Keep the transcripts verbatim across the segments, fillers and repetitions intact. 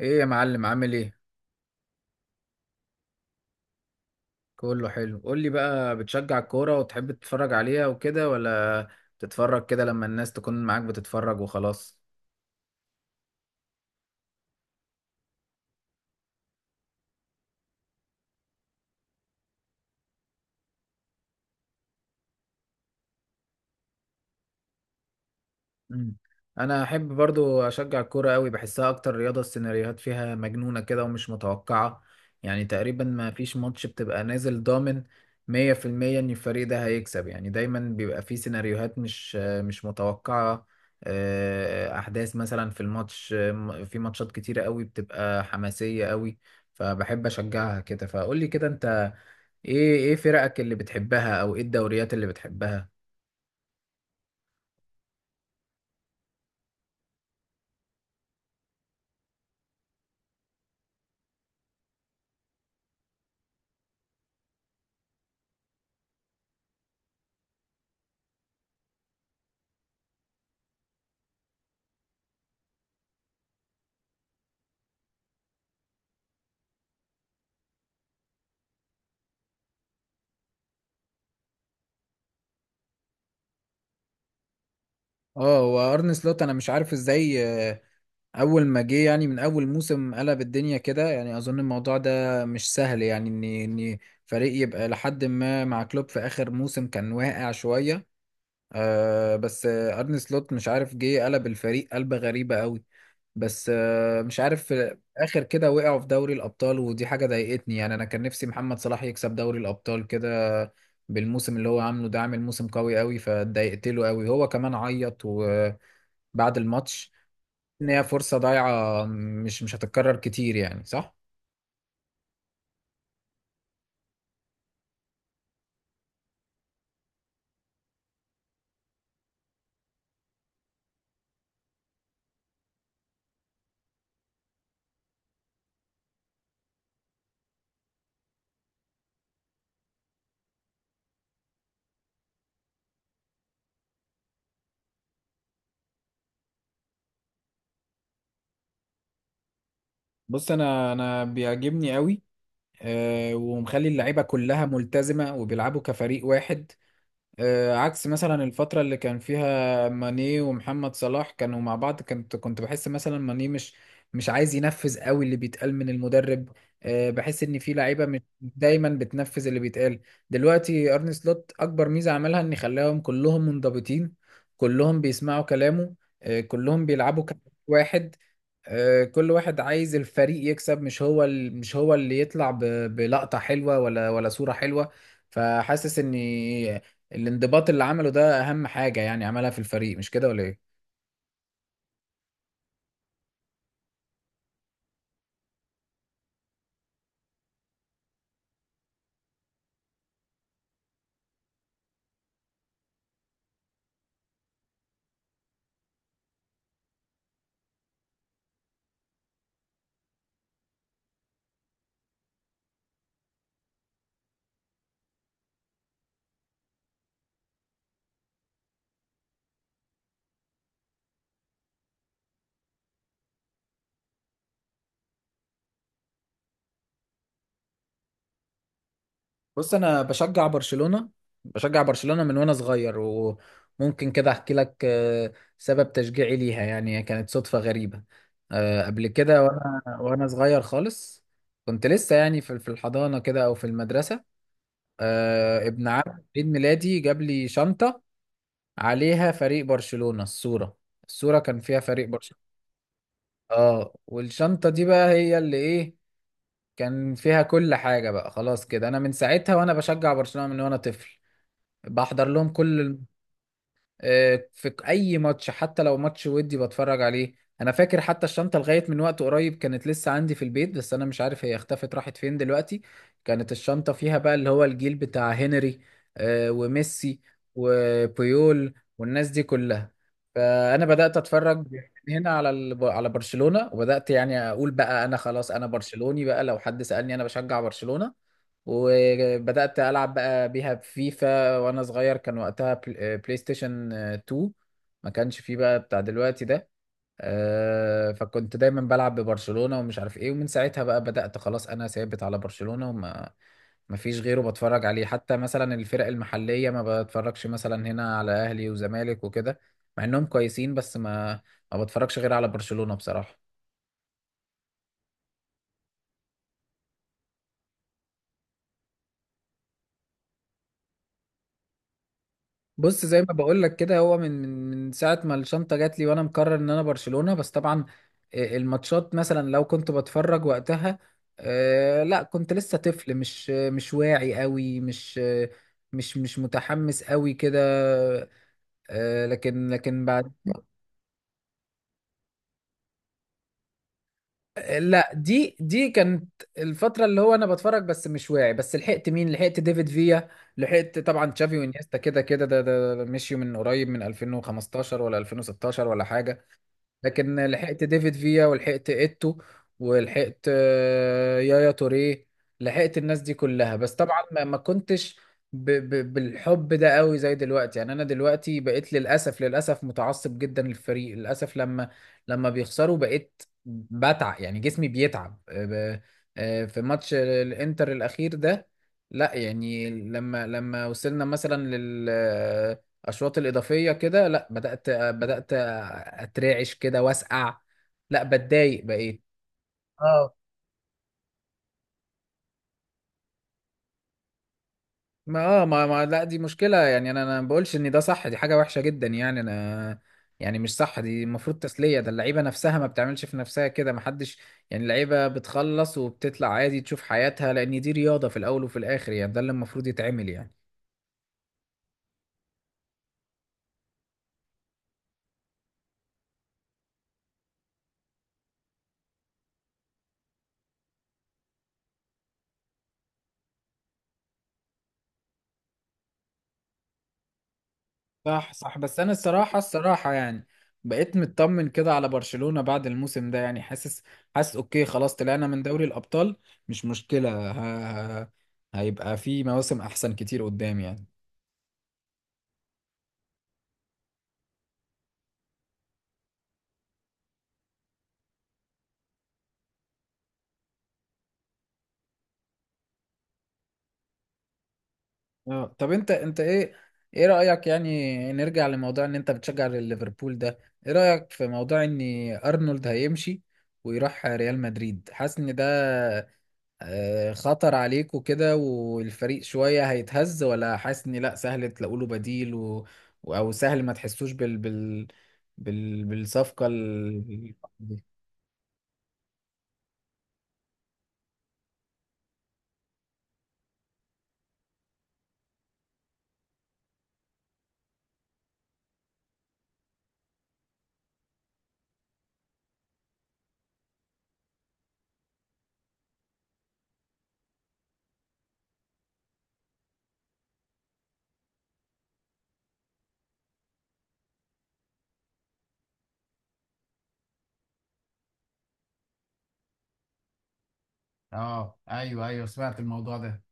ايه يا معلم عامل ايه؟ كله حلو. قول لي بقى، بتشجع الكورة وتحب تتفرج عليها وكده، ولا تتفرج كده لما الناس تكون معاك بتتفرج وخلاص؟ مم. انا احب برضو اشجع الكوره قوي، بحسها اكتر رياضه السيناريوهات فيها مجنونه كده ومش متوقعه. يعني تقريبا ما فيش ماتش بتبقى نازل ضامن مية في المية ان الفريق ده هيكسب. يعني دايما بيبقى فيه سيناريوهات مش مش متوقعه، آه، احداث مثلا في الماتش. آه، في ماتشات كتيره قوي بتبقى حماسيه قوي، فبحب اشجعها كده. فقول لي كده انت، ايه ايه فرقك اللي بتحبها او ايه الدوريات اللي بتحبها؟ اه، وارن سلوت انا مش عارف ازاي اول ما جه، يعني من اول موسم قلب الدنيا كده. يعني اظن الموضوع ده مش سهل، يعني ان ان فريق يبقى لحد ما مع كلوب في اخر موسم كان واقع شويه، آه بس آه ارني سلوت مش عارف جه قلب الفريق، قلبه غريبه قوي. بس آه مش عارف في الاخر كده وقعوا في دوري الابطال، ودي حاجه ضايقتني. يعني انا كان نفسي محمد صلاح يكسب دوري الابطال كده، بالموسم اللي هو عامله ده. عامل موسم قوي قوي، فاتضايقت له قوي. هو كمان عيط وبعد الماتش، ان هي فرصة ضايعة مش مش هتتكرر كتير، يعني صح؟ بص، انا انا بيعجبني قوي، آه، ومخلي اللعيبه كلها ملتزمه وبيلعبوا كفريق واحد. آه، عكس مثلا الفترة اللي كان فيها ماني ومحمد صلاح كانوا مع بعض، كنت كنت بحس مثلا ماني مش مش عايز ينفذ قوي اللي بيتقال من المدرب. آه، بحس ان في لعيبة مش دايما بتنفذ اللي بيتقال. دلوقتي ارني سلوت اكبر ميزة عملها ان خلاهم كلهم منضبطين، كلهم بيسمعوا كلامه، آه، كلهم بيلعبوا كلاعب واحد. آه، كل واحد عايز الفريق يكسب، مش هو ال- مش هو اللي يطلع ب- بلقطة حلوة ولا ولا صورة حلوة. فحاسس ان الانضباط اللي عمله ده اهم حاجه يعني عملها في الفريق، مش كده ولا ايه؟ بص، انا بشجع برشلونه. بشجع برشلونه من وانا صغير، وممكن كده احكي لك آه، سبب تشجيعي ليها. يعني هي كانت صدفه غريبه، آه، قبل كده وانا وانا صغير خالص. كنت لسه يعني في في الحضانه كده او في المدرسه. آه، ابن عم عيد ميلادي جاب لي شنطه عليها فريق برشلونه. الصوره الصوره كان فيها فريق برشلونه. اه، والشنطه دي بقى هي اللي ايه، كان فيها كل حاجة. بقى خلاص كده، أنا من ساعتها وأنا بشجع برشلونة من وأنا طفل. بحضر لهم كل آه، في اي ماتش، حتى لو ماتش ودي بتفرج عليه. انا فاكر حتى الشنطه لغايه من وقت قريب كانت لسه عندي في البيت، بس انا مش عارف هي اختفت راحت فين دلوقتي. كانت الشنطه فيها بقى اللي هو الجيل بتاع هنري، آه، وميسي وبيول والناس دي كلها. فانا بدات اتفرج من هنا على ال- على برشلونه، وبدات يعني اقول بقى انا خلاص انا برشلوني. بقى لو حد سالني انا بشجع برشلونه. وبدأت ألعب بقى بيها بفيفا وأنا صغير، كان وقتها بل- بلاي ستيشن آه، اتنين. ما كانش فيه بقى بتاع دلوقتي ده. آه، فكنت دايما بلعب ببرشلونة ومش عارف ايه. ومن ساعتها بقى بدأت خلاص أنا ثابت على برشلونة، وما ما فيش غيره بتفرج عليه. حتى مثلا الفرق المحلية ما بتفرجش مثلا هنا على أهلي وزمالك وكده، مع إنهم كويسين، بس ما ما بتفرجش غير على برشلونة بصراحة. بص زي ما بقول لك كده، هو من من من ساعه ما الشنطه جات لي وانا مقرر ان انا برشلونه. بس طبعا آه، الماتشات مثلا لو كنت بتفرج وقتها، آه، لا كنت لسه طفل، مش آه، مش واعي قوي، مش آه، مش مش متحمس قوي كده. آه، لكن لكن بعد آه، لا، دي دي كانت الفتره اللي هو انا بتفرج بس مش واعي. بس لحقت مين؟ لحقت ديفيد فيا، لحقت طبعا تشافي وانيستا كده. كده ده ده ده مشيوا من قريب، من ألفين وخمستاشر ولا ألفين وستاشر ولا حاجه. لكن لحقت ديفيد فيا، ولحقت ايتو، ولحقت آه، يايا توريه. لحقت الناس دي كلها، بس طبعا ما ما كنتش ب ب بالحب ده قوي زي دلوقتي. يعني انا دلوقتي بقيت للاسف، للاسف متعصب جدا للفريق. للاسف لما لما بيخسروا بقيت بتعب، يعني جسمي بيتعب. آه، ب- آه، في ماتش الانتر الاخير ده، لا يعني لما لما وصلنا مثلا اشواط الاضافيه كده، لا بدات بدات اترعش كده واسقع، لا بتضايق بقيت. اه ما اه ما, ما لا، دي مشكله، يعني انا انا ما بقولش ان ده صح، دي حاجه وحشه جدا. يعني انا يعني مش صح، دي المفروض تسليه. ده اللعيبه نفسها ما بتعملش في نفسها كده، ما حدش. يعني اللعيبه بتخلص وبتطلع عادي تشوف حياتها، لان دي رياضه في الاول وفي الاخر، يعني ده اللي المفروض يتعمل يعني. صح، صح. بس انا الصراحه، الصراحه يعني بقيت مطمن كده على برشلونه بعد الموسم ده. يعني حاسس حاسس اوكي خلاص، طلعنا من دوري الابطال، مش مشكله، ه... ه- هيبقى في مواسم احسن كتير قدام يعني. اه، طب انت، انت ايه ايه رايك يعني؟ نرجع لموضوع ان انت بتشجع ليفربول ده، ايه رايك في موضوع ان ارنولد هيمشي ويروح ريال مدريد؟ حاسس ان ده آه، خطر عليكوا كده والفريق شوية هيتهز، ولا حاسس ان لا، سهل تلاقوا له بديل و... و- او سهل ما تحسوش بال... بال... بال... بالصفقة ال... دي؟ اه ايوه، ايوه سمعت الموضوع ده.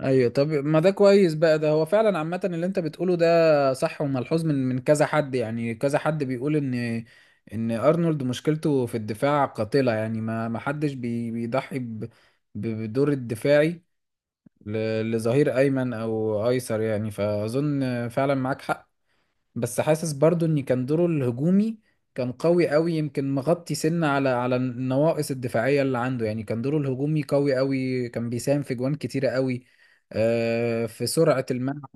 ايوه، طب ما ده كويس بقى. ده هو فعلا عامة اللي انت بتقوله ده صح، وملحوظ من من كذا حد. يعني كذا حد بيقول ان ان ارنولد مشكلته في الدفاع قاتلة. يعني ما ما حدش بي... بيضحي ب... ب- بالدور الدفاعي، ل- لظهير ايمن او ايسر يعني. فاظن فعلا معاك حق. بس حاسس برضو ان كان دوره الهجومي كان قوي قوي، يمكن مغطي سنة على على النواقص الدفاعية اللي عنده. يعني كان دوره الهجومي قوي قوي، كان بيساهم في جوان كتيرة قوي، آه، في سرعة الملعب.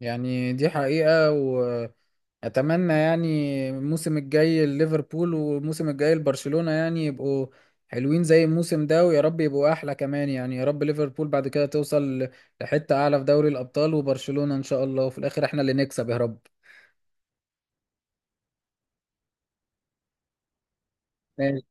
يعني دي حقيقة. اتمنى يعني الموسم الجاي ليفربول والموسم الجاي لبرشلونة يعني يبقوا حلوين زي الموسم ده، ويا رب يبقوا احلى كمان. يعني يا رب ليفربول بعد كده توصل لحتة اعلى في دوري الابطال، وبرشلونة ان شاء الله، وفي الاخر احنا اللي نكسب يا رب. ماشي،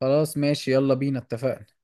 خلاص ماشي، يلا بينا، اتفقنا.